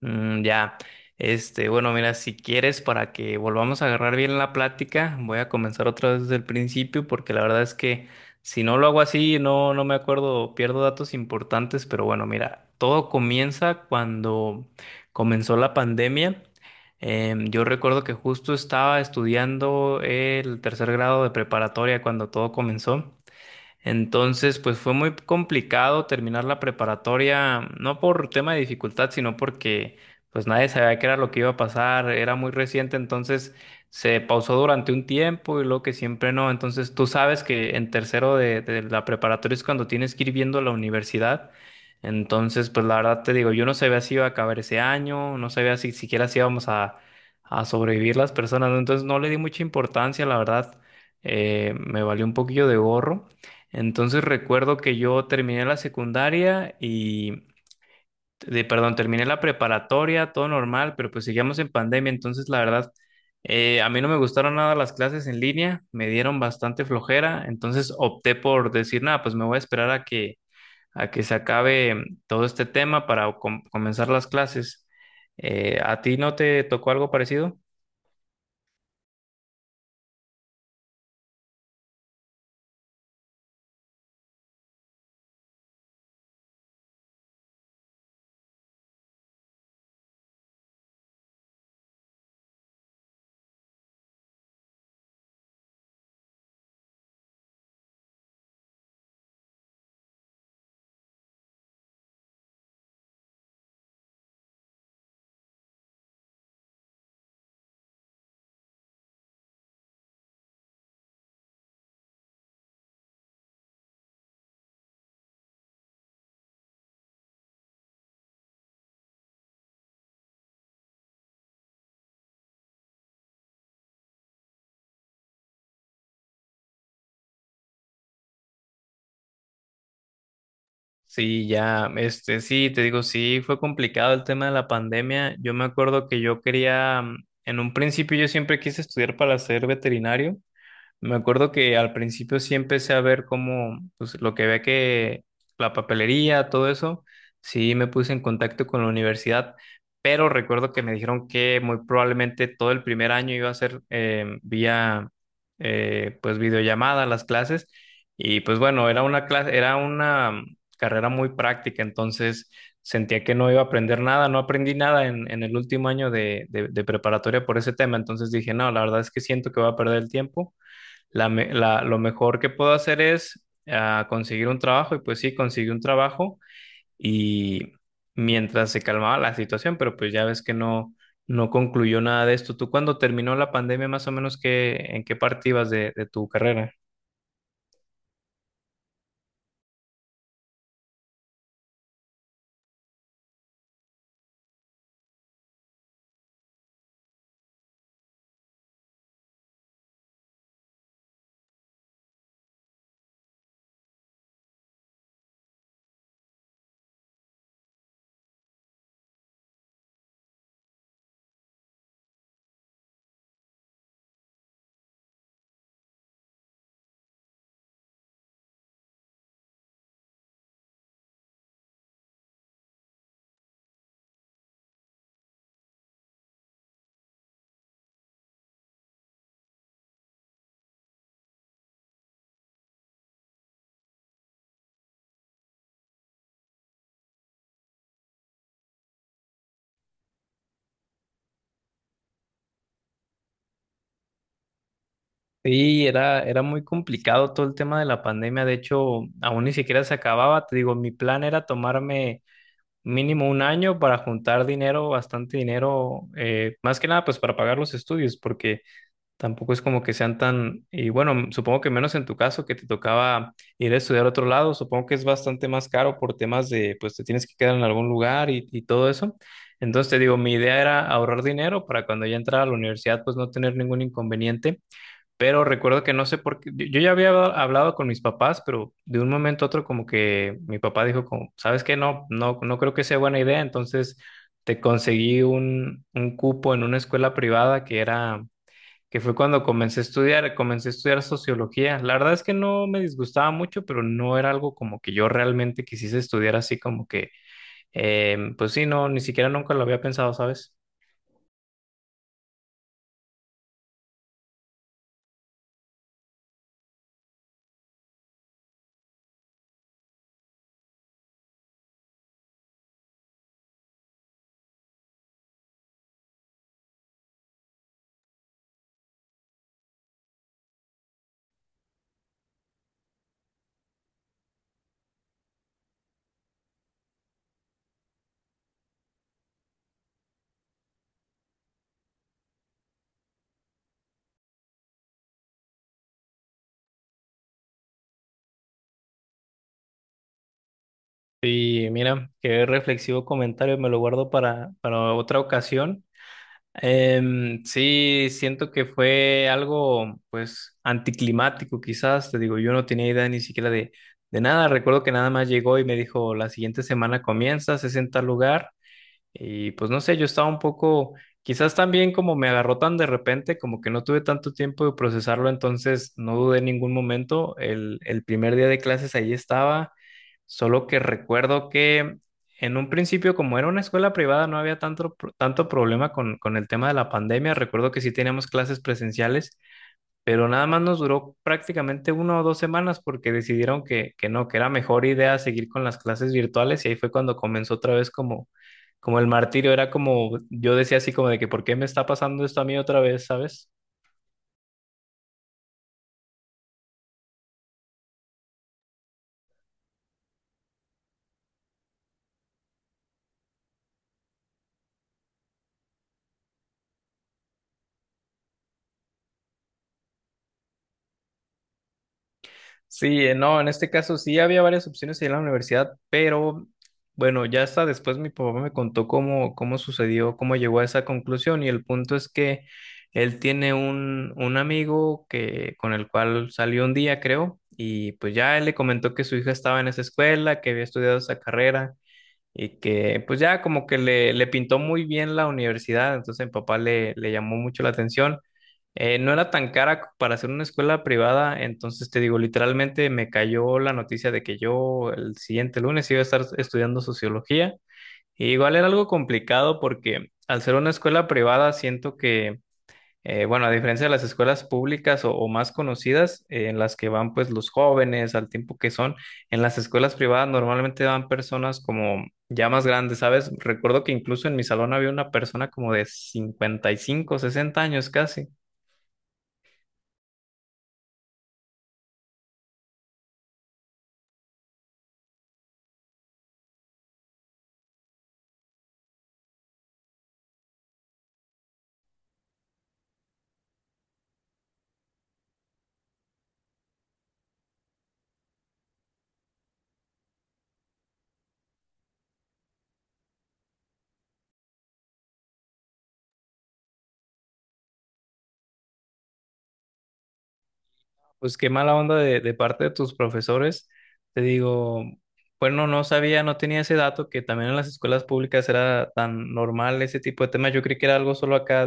Mm, ya. Este, bueno, mira, si quieres, para que volvamos a agarrar bien la plática, voy a comenzar otra vez desde el principio, porque la verdad es que si no lo hago así, no, no me acuerdo, pierdo datos importantes, pero bueno, mira, todo comienza cuando comenzó la pandemia. Yo recuerdo que justo estaba estudiando el tercer grado de preparatoria cuando todo comenzó. Entonces, pues fue muy complicado terminar la preparatoria, no por tema de dificultad, sino porque pues nadie sabía qué era lo que iba a pasar, era muy reciente, entonces se pausó durante un tiempo y luego que siempre no. Entonces, tú sabes que en tercero de la preparatoria es cuando tienes que ir viendo la universidad. Entonces, pues la verdad te digo, yo no sabía si iba a acabar ese año, no sabía si siquiera si íbamos a sobrevivir las personas, ¿no? Entonces no le di mucha importancia, la verdad, me valió un poquillo de gorro. Entonces recuerdo que yo terminé la secundaria perdón, terminé la preparatoria, todo normal, pero pues seguíamos en pandemia, entonces la verdad, a mí no me gustaron nada las clases en línea, me dieron bastante flojera, entonces opté por decir, nada, pues me voy a esperar a que se acabe todo este tema para comenzar las clases. ¿A ti no te tocó algo parecido? Sí, ya, este, sí, te digo, sí, fue complicado el tema de la pandemia. Yo me acuerdo que yo quería, en un principio yo siempre quise estudiar para ser veterinario, me acuerdo que al principio sí empecé a ver como, pues lo que ve que la papelería, todo eso, sí me puse en contacto con la universidad, pero recuerdo que me dijeron que muy probablemente todo el primer año iba a ser vía, pues videollamada las clases, y pues bueno, era una clase, era una carrera muy práctica, entonces sentía que no iba a aprender nada, no aprendí nada en el último año de preparatoria por ese tema, entonces dije, no, la verdad es que siento que voy a perder el tiempo, lo mejor que puedo hacer es conseguir un trabajo y pues sí, conseguí un trabajo y mientras se calmaba la situación, pero pues ya ves que no, no concluyó nada de esto. ¿Tú cuando terminó la pandemia, más o menos, qué, en qué parte ibas de tu carrera? Sí, era, era muy complicado todo el tema de la pandemia. De hecho, aún ni siquiera se acababa. Te digo, mi plan era tomarme mínimo un año para juntar dinero, bastante dinero, más que nada pues para pagar los estudios, porque tampoco es como que sean tan, y bueno, supongo que menos en tu caso que te tocaba ir a estudiar a otro lado, supongo que es bastante más caro por temas de, pues te tienes que quedar en algún lugar y todo eso. Entonces te digo, mi idea era ahorrar dinero para cuando ya entrara a la universidad, pues no tener ningún inconveniente, pero recuerdo que no sé por qué, yo ya había hablado con mis papás, pero de un momento a otro como que mi papá dijo como, ¿sabes qué? No, no, no creo que sea buena idea, entonces te conseguí un cupo en una escuela privada que era que fue cuando comencé a estudiar sociología. La verdad es que no me disgustaba mucho, pero no era algo como que yo realmente quisiese estudiar así como que, pues sí, no, ni siquiera nunca lo había pensado, ¿sabes? Y mira, qué reflexivo comentario, me lo guardo para otra ocasión. Em, sí, siento que fue algo, pues, anticlimático quizás, te digo, yo no tenía idea ni siquiera de nada, recuerdo que nada más llegó y me dijo, la siguiente semana comienzas, es en tal lugar. Y pues no sé, yo estaba un poco, quizás también como me agarró tan de repente, como que no tuve tanto tiempo de procesarlo, entonces no dudé en ningún momento. El primer día de clases ahí estaba, solo que recuerdo que en un principio, como era una escuela privada, no había tanto, tanto problema con el tema de la pandemia. Recuerdo que sí teníamos clases presenciales, pero nada más nos duró prácticamente 1 o 2 semanas porque decidieron que, no, que era mejor idea seguir con las clases virtuales y ahí fue cuando comenzó otra vez como el martirio, era como, yo decía así como de que, ¿por qué me está pasando esto a mí otra vez, sabes? Sí, no, en este caso sí había varias opciones ahí en la universidad, pero bueno, ya hasta después mi papá me contó cómo sucedió, cómo llegó a esa conclusión y el punto es que él tiene un amigo que, con el cual salió un día, creo, y pues ya él le comentó que su hija estaba en esa escuela, que había estudiado esa carrera y que pues ya como que le pintó muy bien la universidad, entonces mi papá le llamó mucho la atención. No era tan cara para hacer una escuela privada, entonces te digo, literalmente me cayó la noticia de que yo el siguiente lunes iba a estar estudiando sociología. Y igual era algo complicado porque al ser una escuela privada siento que bueno, a diferencia de las escuelas públicas o más conocidas, en las que van pues los jóvenes al tiempo que son, en las escuelas privadas normalmente van personas como ya más grandes, ¿sabes? Recuerdo que incluso en mi salón había una persona como de 55, 60 años casi. Pues qué mala onda de parte de tus profesores. Te digo, bueno, no sabía, no tenía ese dato que también en las escuelas públicas era tan normal ese tipo de temas. Yo creí que era algo solo acá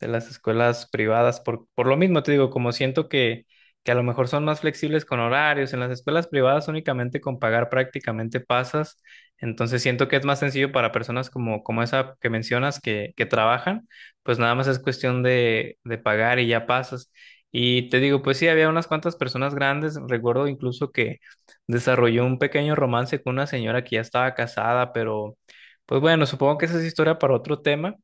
de las escuelas privadas, por lo mismo te digo, como siento que a lo mejor son más flexibles con horarios, en las escuelas privadas únicamente con pagar prácticamente pasas, entonces siento que es más sencillo para personas como esa que mencionas que trabajan, pues nada más es cuestión de pagar y ya pasas. Y te digo, pues sí, había unas cuantas personas grandes, recuerdo incluso que desarrolló un pequeño romance con una señora que ya estaba casada, pero pues bueno, supongo que esa es historia para otro tema.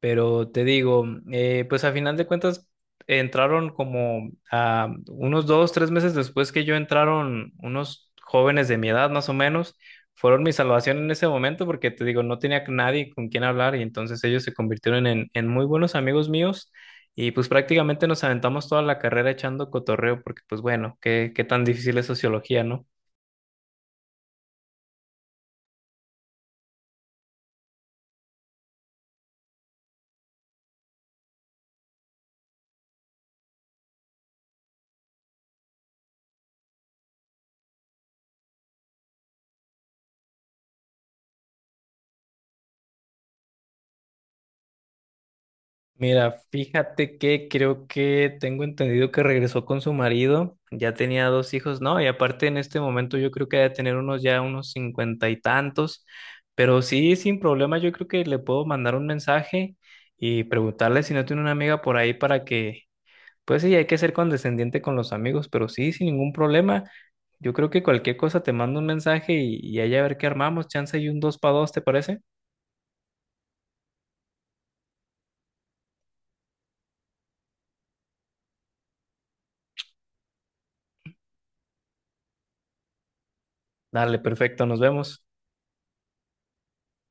Pero te digo, pues a final de cuentas entraron como unos 2, 3 meses después que yo entraron unos jóvenes de mi edad más o menos, fueron mi salvación en ese momento porque te digo, no tenía nadie con quien hablar y entonces ellos se convirtieron en muy buenos amigos míos y pues prácticamente nos aventamos toda la carrera echando cotorreo porque pues bueno, qué, qué tan difícil es sociología, ¿no? Mira, fíjate que creo que tengo entendido que regresó con su marido, ya tenía dos hijos, ¿no? Y aparte en este momento yo creo que debe tener unos ya unos cincuenta y tantos, pero sí, sin problema, yo creo que le puedo mandar un mensaje y preguntarle si no tiene una amiga por ahí para que, pues sí, hay que ser condescendiente con los amigos, pero sí, sin ningún problema, yo creo que cualquier cosa te mando un mensaje y ahí a ver qué armamos, chance y un dos para dos, ¿te parece? Dale, perfecto, nos vemos.